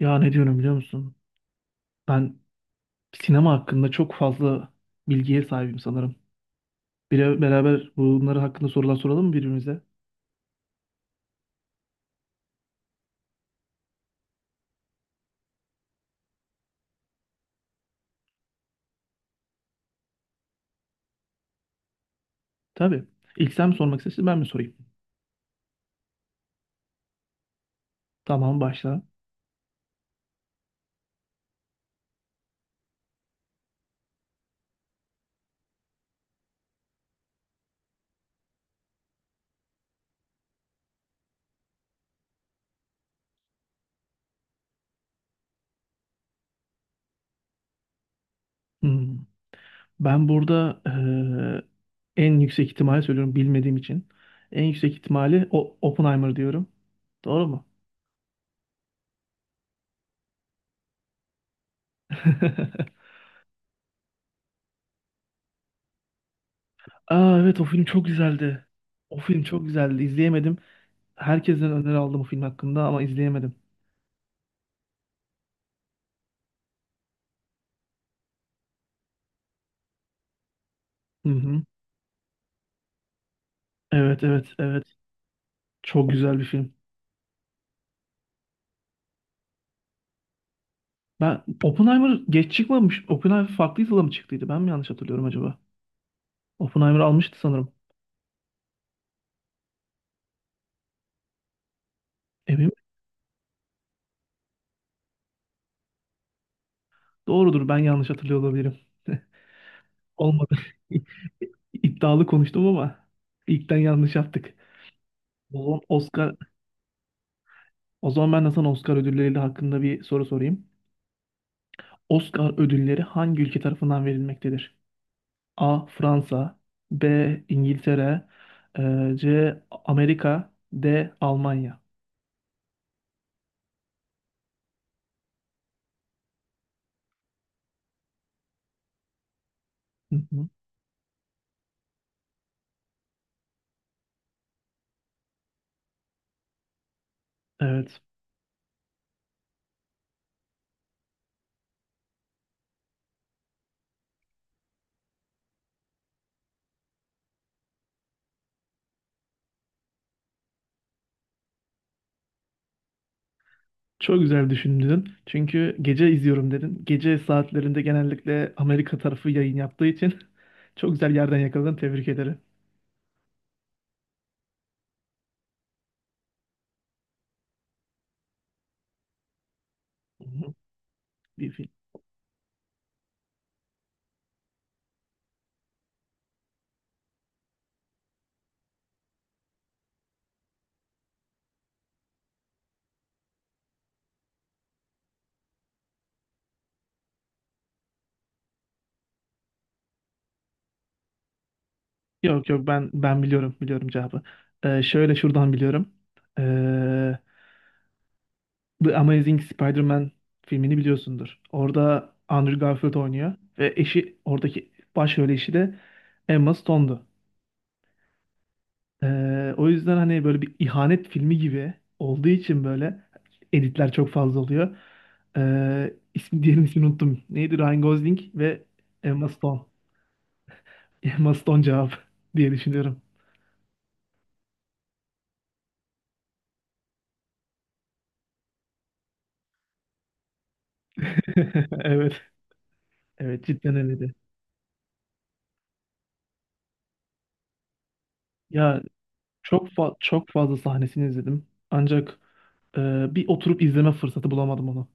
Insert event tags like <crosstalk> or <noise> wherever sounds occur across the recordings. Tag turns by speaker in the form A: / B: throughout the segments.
A: Ya ne diyorum biliyor musun? Ben sinema hakkında çok fazla bilgiye sahibim sanırım. Bir beraber bunları hakkında sorular soralım mı birbirimize? Tabii. İlk sen mi sormak istersin ben mi sorayım? Tamam başla. Hmm. Ben burada en yüksek ihtimali söylüyorum bilmediğim için. En yüksek ihtimali o Oppenheimer diyorum. Doğru mu? <laughs> Aa evet, o film çok güzeldi. O film çok güzeldi. İzleyemedim. Herkesten öneri aldım o film hakkında ama izleyemedim. Hı hı. Evet, evet, evet. Çok güzel bir film. Ben Oppenheimer geç çıkmamış. Oppenheimer farklı yılda mı çıktıydı? Ben mi yanlış hatırlıyorum acaba? Oppenheimer almıştı sanırım. Emin mi? Doğrudur, ben yanlış hatırlıyor olabilirim. <laughs> Olmadı. <laughs> İddialı konuştum ama ilkten yanlış yaptık. O zaman Oscar, o zaman ben de sana Oscar ödülleri hakkında bir soru sorayım. Oscar ödülleri hangi ülke tarafından verilmektedir? A. Fransa, B. İngiltere, C. Amerika, D. Almanya. Hı hı. Evet. Çok güzel düşündün. Çünkü gece izliyorum dedin. Gece saatlerinde genellikle Amerika tarafı yayın yaptığı için <laughs> çok güzel yerden yakaladın. Tebrik ederim. Hı hı. Bir film. Yok yok, ben biliyorum cevabı. Şöyle şuradan biliyorum. Ee, The Amazing Spider-Man filmini biliyorsundur. Orada Andrew Garfield oynuyor ve eşi oradaki başrol eşi de Emma Stone'du. O yüzden hani böyle bir ihanet filmi gibi olduğu için böyle editler çok fazla oluyor. İsmi diğerinin ismini unuttum. Neydi? Ryan Gosling ve Emma Stone. <laughs> Emma Stone cevap <laughs> diye düşünüyorum. <laughs> Evet. Evet, cidden öyleydi. Ya, çok fazla sahnesini izledim. Ancak e, bir oturup izleme fırsatı bulamadım onu.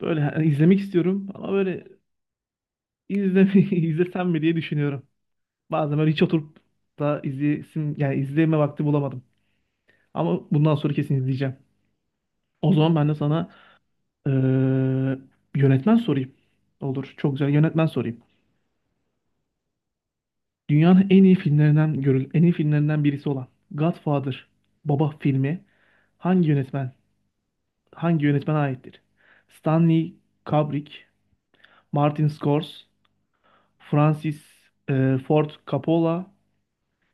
A: Böyle yani izlemek istiyorum ama böyle izleme <laughs> izlesem mi diye düşünüyorum. Bazen böyle hiç oturup da izleyesim yani izleme vakti bulamadım. Ama bundan sonra kesin izleyeceğim. O zaman ben de sana e, yönetmen sorayım. Olur. Çok güzel yönetmen sorayım. Dünyanın en iyi filmlerinden en iyi filmlerinden birisi olan Godfather Baba filmi hangi yönetmen hangi yönetmene aittir? Stanley Kubrick, Martin Scorsese, Francis Ford Coppola,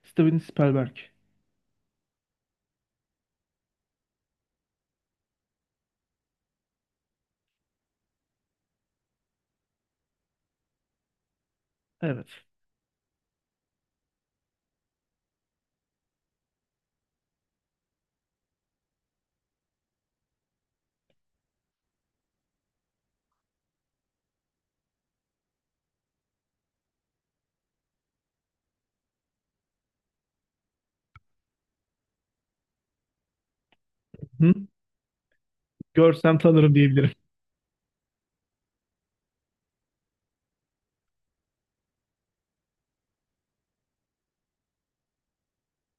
A: Steven Spielberg. Evet. Hı? Görsem tanırım diyebilirim.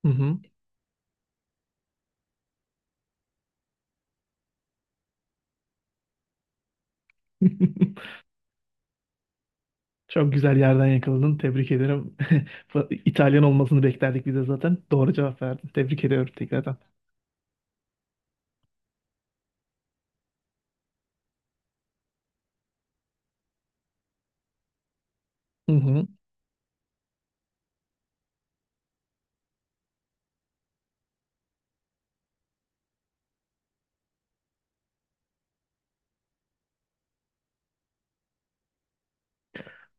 A: Hı hı. <laughs> Çok güzel yerden yakaladın. Tebrik ederim. <laughs> İtalyan olmasını beklerdik biz de zaten. Doğru cevap verdin. Tebrik ediyorum tekrardan. Hı hı.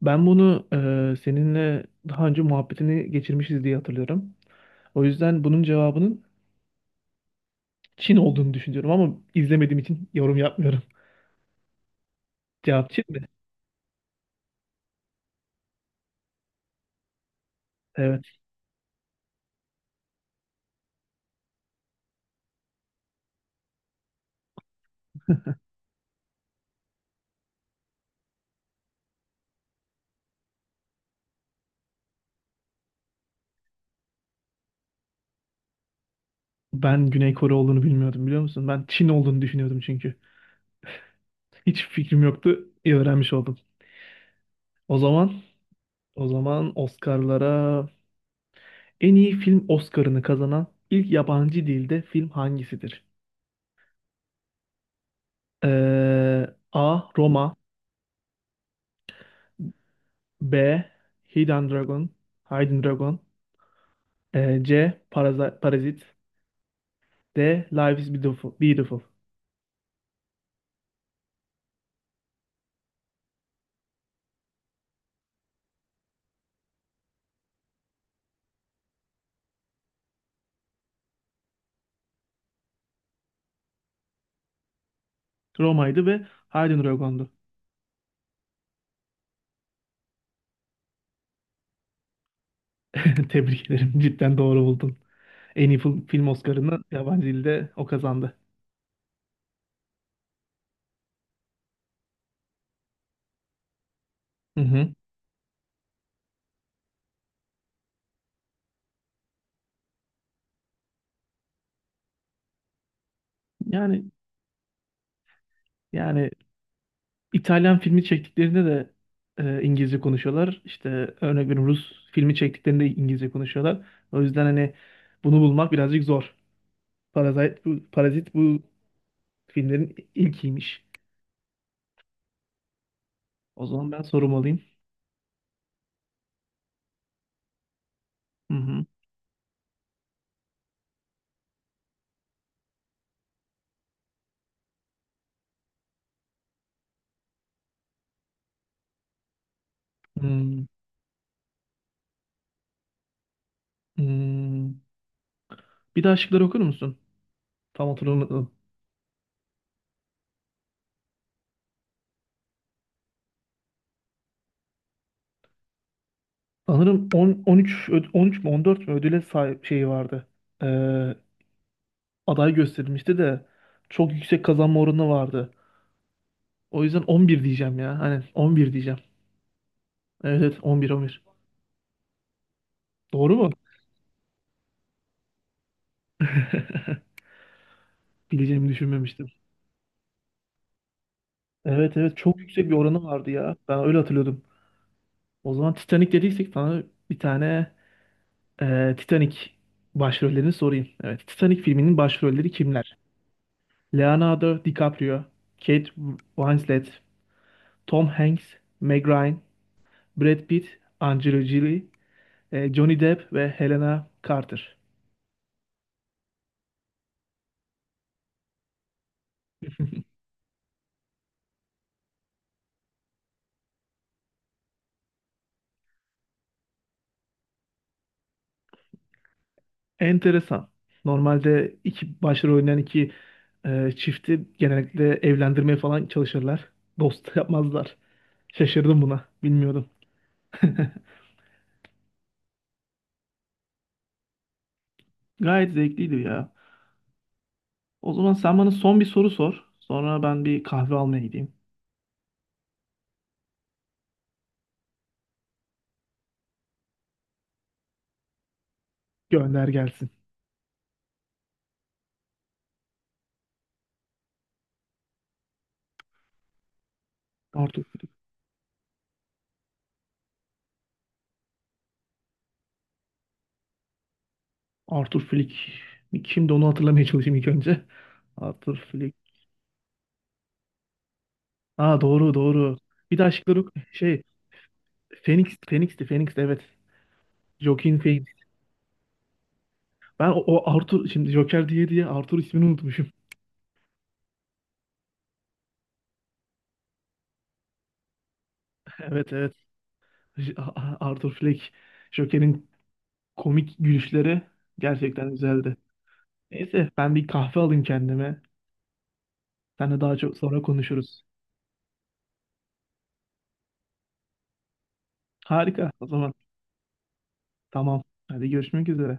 A: Ben bunu seninle daha önce muhabbetini geçirmişiz diye hatırlıyorum. O yüzden bunun cevabının Çin olduğunu düşünüyorum ama izlemediğim için yorum yapmıyorum. Cevapçı mı? Evet. Ben Güney Kore olduğunu bilmiyordum biliyor musun? Ben Çin olduğunu düşünüyordum çünkü. Hiç fikrim yoktu. İyi öğrenmiş oldum. O zaman, o zaman Oscar'lara en iyi film Oscar'ını kazanan ilk yabancı dilde film hangisidir? Ee, A. Roma, B. Hidden Dragon Hidden Dragon, C. Parazit, de Life is Beautiful. Roma'ydı ve Haydn Rogon'du. <laughs> Tebrik ederim. Cidden doğru buldun. En iyi film Oscar'ını yabancı dilde o kazandı. Hı hı. Yani yani İtalyan filmi çektiklerinde de İngilizce konuşuyorlar. İşte örnek veriyorum, Rus filmi çektiklerinde İngilizce konuşuyorlar. O yüzden hani bunu bulmak birazcık zor. Parazit bu filmlerin ilkiymiş. O zaman ben sorum alayım. Hı hı. Hmm, hmm. Bir daha şıkları okur musun? Tam hatırlamadım. Sanırım 10, 13, 13 mü 14 mü ödüle sahip şeyi vardı. Ee, aday gösterilmişti de çok yüksek kazanma oranı vardı. O yüzden 11 diyeceğim ya. Hani 11 diyeceğim. Evet evet, 11-11. Doğru mu? <laughs> Bileceğimi düşünmemiştim. Evet evet, çok yüksek bir oranı vardı ya. Ben öyle hatırlıyordum. O zaman Titanic dediysek sana bir tane Titanic başrollerini sorayım. Evet, Titanic filminin başrolleri kimler? Leonardo DiCaprio, Kate Winslet, Tom Hanks, Meg Ryan, Brad Pitt, Angelina Jolie, Johnny Depp ve Helena Carter. Enteresan. Normalde iki başrol oynayan iki çifti genellikle evlendirmeye falan çalışırlar. Dost yapmazlar. Şaşırdım buna. Bilmiyordum. <laughs> Gayet zevkliydi ya. O zaman sen bana son bir soru sor. Sonra ben bir kahve almaya gideyim. Gönder gelsin. Arthur Flick. Arthur Flick. Kimdi onu hatırlamaya çalışayım ilk önce. Arthur Flick. Aa doğru doğru. Bir de aşkları şey Phoenix'ti evet. Joaquin Phoenix. Ben o Arthur şimdi Joker diye Arthur ismini unutmuşum. <laughs> Evet evet. J- A- Arthur Fleck. Joker'in komik gülüşleri gerçekten güzeldi. Neyse ben bir kahve alayım kendime. Seninle daha çok sonra konuşuruz. Harika o zaman. Tamam. Hadi görüşmek üzere.